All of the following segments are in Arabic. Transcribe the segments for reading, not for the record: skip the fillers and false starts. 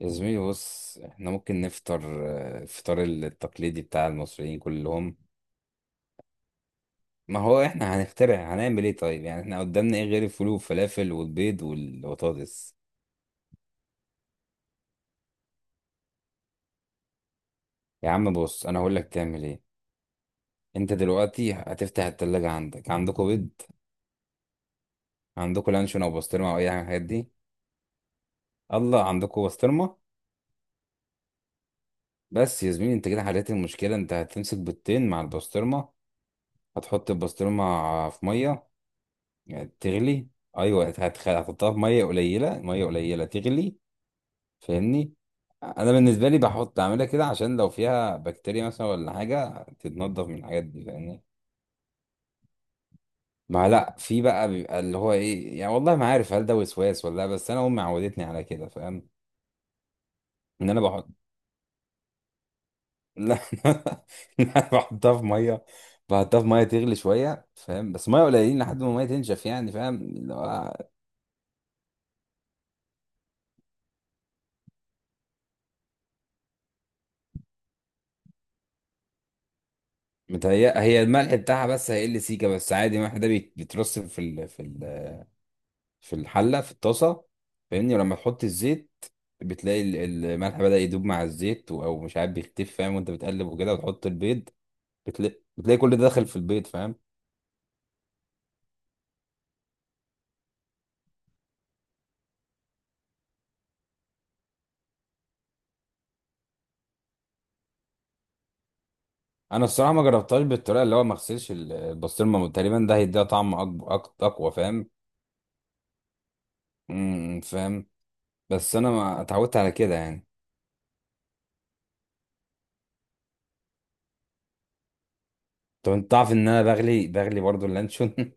يا زميلي بص، احنا ممكن نفطر الفطار التقليدي بتاع المصريين كلهم. ما هو احنا هنخترع، هنعمل ايه طيب؟ يعني احنا قدامنا ايه غير الفول والفلافل والبيض والبطاطس؟ يا عم بص، انا هقول لك تعمل ايه. انت دلوقتي هتفتح التلاجة، عندكوا بيض؟ عندكوا لانشون او بسطرمة او اي حاجة من الحاجات دي؟ الله، عندكوا بسطرمة. بس يا زميلي انت كده حليت المشكلة. انت هتمسك بيضتين مع البسطرمة، هتحط البسطرمة في مية، يعني تغلي. ايوه، هتحطها في ميه قليله، ميه قليله تغلي. فاهمني؟ انا بالنسبه لي بحط، اعملها كده عشان لو فيها بكتيريا مثلا ولا حاجه تتنضف من الحاجات دي. فاهمني؟ ما لا في بقى بيبقى اللي هو ايه، يعني والله ما عارف هل ده وسواس ولا لا، بس انا امي عودتني على كده. فاهم؟ ان انا بحط. لا إن انا بحطها في ميه، بحطها في ميه تغلي شويه، فاهم؟ بس ميه قليلين لحد ما الميه تنشف، يعني فاهم؟ متهيأ هي الملح بتاعها بس هيقل سيكه، بس عادي الملح ده بيترص في الحله، في الطاسه. فاهمني؟ ولما تحط الزيت بتلاقي الملح بدأ يدوب مع الزيت، او مش عارف بيختف، فاهم؟ وانت بتقلب وكده وتحط البيض بتلاقي كل ده داخل في البيض، فاهم؟ انا الصراحه ما جربتهاش بالطريقه اللي هو ما اغسلش البسطرمه. تقريبا ده هيديها طعم اقوى، فاهم؟ امم، فاهم. بس انا ما اتعودت على كده، يعني. طب انت تعرف ان انا بغلي برضو اللانشون؟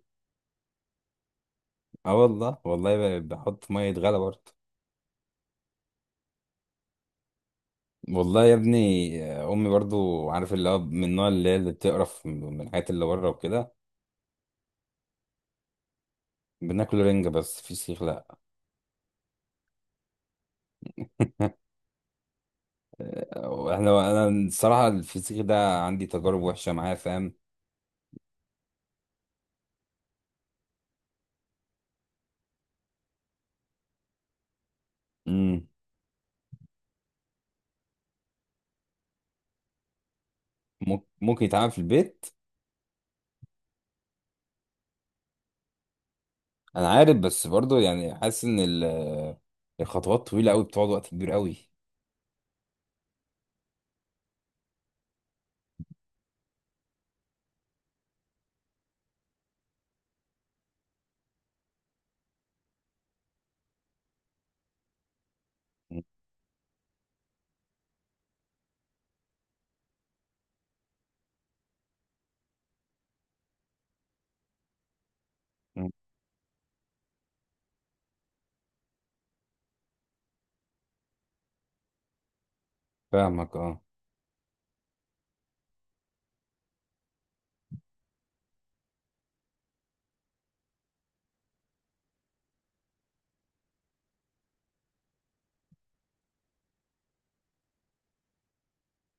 اه والله، والله، بحط ميه غلا برضو. والله يا ابني. امي برضو، عارف، اللي هو من النوع اللي هي اللي بتقرف من الحاجات اللي بره وكده. بناكل رنجة، بس فسيخ لا. انا الصراحة الفسيخ ده عندي تجارب وحشة معاه، فاهم؟ امم. ممكن يتعمل في البيت. انا عارف، بس برضو يعني حاسس ان الخطوات طويلة قوي، بتقعد وقت كبير قوي. مم. مم. فاهمك، اه.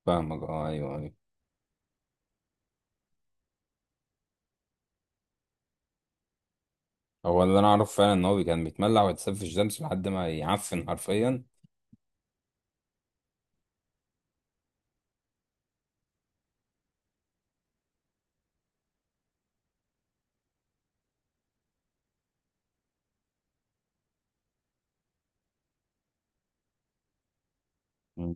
فاهمك، اه، ايوه، ايوه. هو اللي انا اعرفه فعلا ان هو كان بيتملع ويتساب في الشمس لحد ما يعفن حرفيا. مم.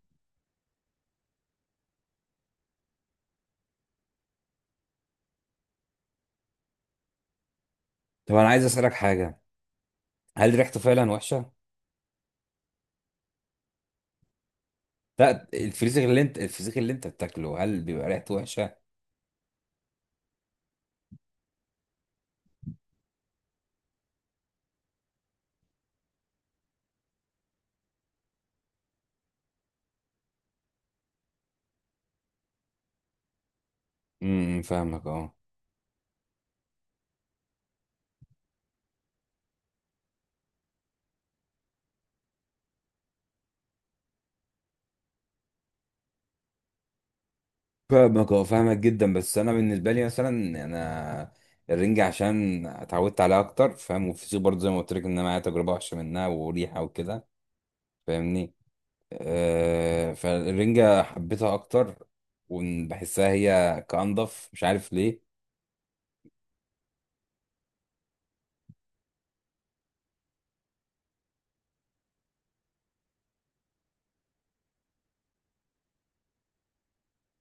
طب انا عايز اسالك حاجة، هل ريحته فعلا وحشه؟ لا، الفسيخ اللي انت بتاكله، هل بيبقى ريحته وحشه؟ امم، فاهمك، اه. فاهمك، اه، فاهمك جدا. بس انا بالنسبه لي مثلا، انا الرنجة عشان اتعودت عليها اكتر، فاهم؟ والفسيخ برضه زي ما قلت لك، ان انا معايا تجربه وحشه منها، وريحه وكده. فاهمني؟ أه، فالرنجة حبيتها اكتر، وبحسها هي كأنضف، مش عارف ليه.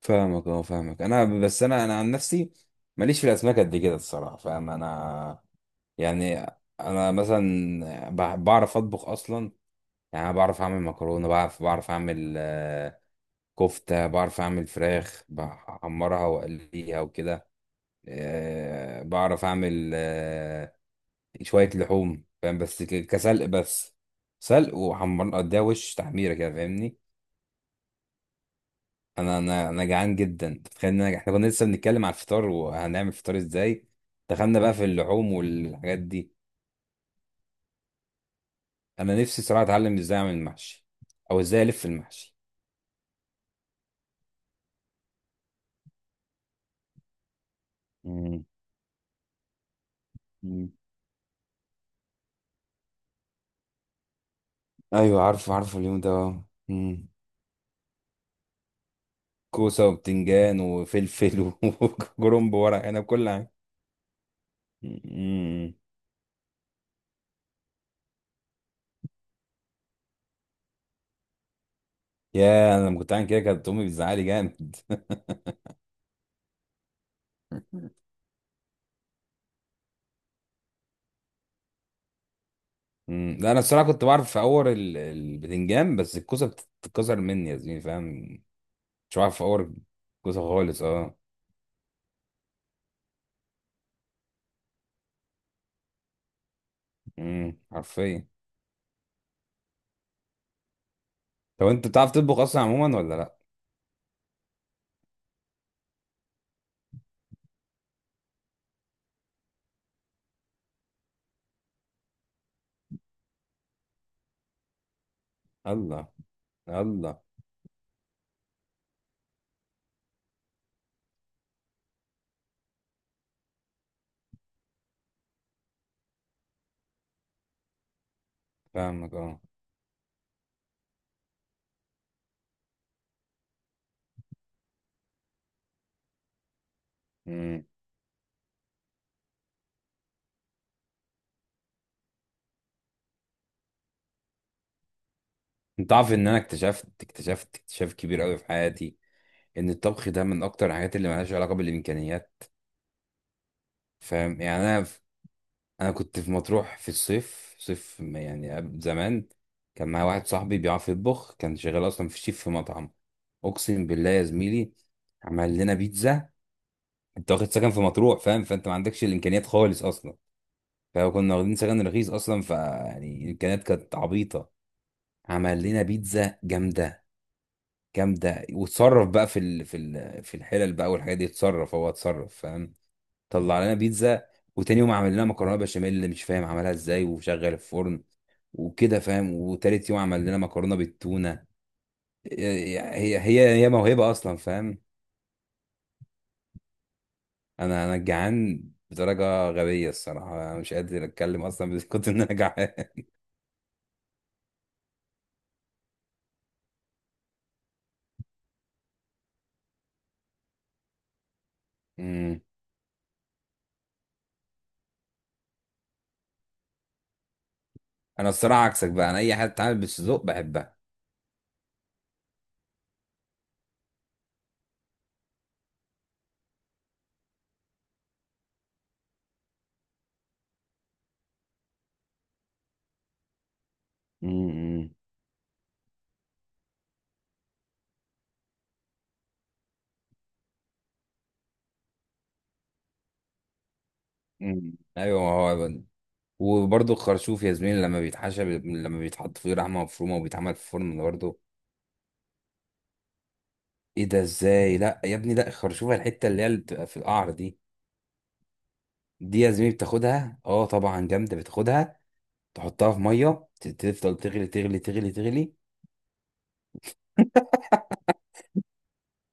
فاهمك، اه. فاهمك، انا بس انا عن نفسي، ماليش في الاسماك قد كده الصراحه. فاهم؟ انا يعني، انا مثلا بعرف اطبخ اصلا. يعني أنا بعرف اعمل مكرونه، بعرف اعمل كفته، بعرف اعمل فراخ بحمرها واقليها وكده. بعرف اعمل شويه لحوم، فاهم؟ بس كسلق بس، سلق وحمر اديها وش تحميره كده. فاهمني؟ انا جعان جدا، تخيل احنا كنا لسه بنتكلم على الفطار وهنعمل فطار ازاي، دخلنا بقى في اللحوم والحاجات دي. انا نفسي صراحه اتعلم ازاي اعمل المحشي، او ازاي الف المحشي. مم. مم. ايوه عارف، عارف اليوم ده. آه. مم. كوسه وبتنجان وفلفل وكرنب ورق عنب، كل حاجه. مم. يا انا لما كنت عامل كده كانت امي بتزعلي جامد. مم. لا انا الصراحه كنت بعرف في اور البتنجان، بس الكوسه بتتكسر مني يا زميلي، فاهم؟ مش بعرف في اور الكوسه خالص، اه. مم. حرفيا. طب انت بتعرف تطبخ اصلا عموما ولا لا؟ الله، الله. فاهمك، اه. انت عارف ان انا اكتشفت اكتشاف كبير قوي في حياتي، ان الطبخ ده من اكتر الحاجات اللي ملهاش علاقه بالامكانيات. فاهم؟ يعني انا انا كنت في مطروح في الصيف، صيف ما يعني قبل زمان. كان معايا واحد صاحبي بيعرف يطبخ، كان شغال اصلا في الشيف، في مطعم. اقسم بالله يا زميلي، عمل لنا بيتزا. انت واخد سكن في مطروح، فاهم؟ فانت ما عندكش الامكانيات خالص اصلا، فكنا واخدين سكن رخيص اصلا، فيعني الامكانيات كانت عبيطه. عمل لنا بيتزا جامده، جامده. وتصرف بقى في الحلل بقى والحاجات دي، اتصرف هو اتصرف، فاهم؟ طلع لنا بيتزا. وتاني يوم عمل لنا مكرونه بشاميل، اللي مش فاهم عملها ازاي، وشغل الفرن وكده، فاهم؟ وتالت يوم عمل لنا مكرونه بالتونه. هي موهبه اصلا، فاهم؟ انا جعان بدرجه غبيه الصراحه، انا مش قادر اتكلم اصلا، بس كنت ان انا جعان. أمم. انا الصراحه عكسك بقى، انا اي حاجه بتتعمل بالسجق بحبها. أمم. أمم. ايوه، ما هو. وبرضه الخرشوف يا زميلي، لما بيتحشى لما بيتحط فيه لحمه مفرومه وبيتعمل في الفرن برضه. ايه ده؟ ازاي؟ لا يا ابني، لا، الخرشوفه، الحته اللي هي اللي بتبقى في القعر دي. دي يا زميلي بتاخدها، اه طبعا جامده. بتاخدها تحطها في ميه، تفضل تغلي، تغلي، تغلي، تغلي.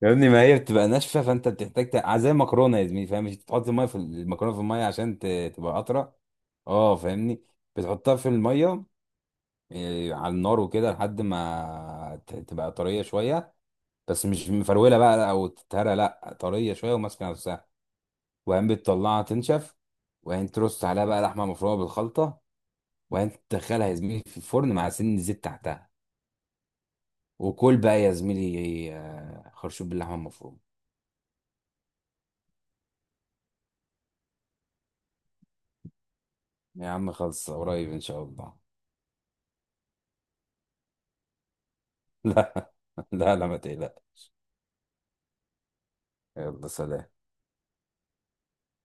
يا ابني ما هي بتبقى ناشفه، فانت بتحتاج زي المكرونه يا زميلي، فاهم؟ مش بتحط الميه في المكرونه في الميه عشان تبقى اطرى. اه، فاهمني؟ بتحطها في الميه، على النار وكده لحد ما تبقى طريه شويه. بس مش مفروله بقى او تتهرى، لا، طريه شويه وماسكه نفسها. وبعدين بتطلعها تنشف. وبعدين ترص عليها بقى لحمه مفرومه بالخلطه. وبعدين تدخلها يا زميلي في الفرن مع سن زيت تحتها. وكل بقى يا زميلي خرشوف باللحمه المفرومه. يا عم خلص، قريب ان شاء الله. لا، لا، لا، ما تقلقش. يلا سلام.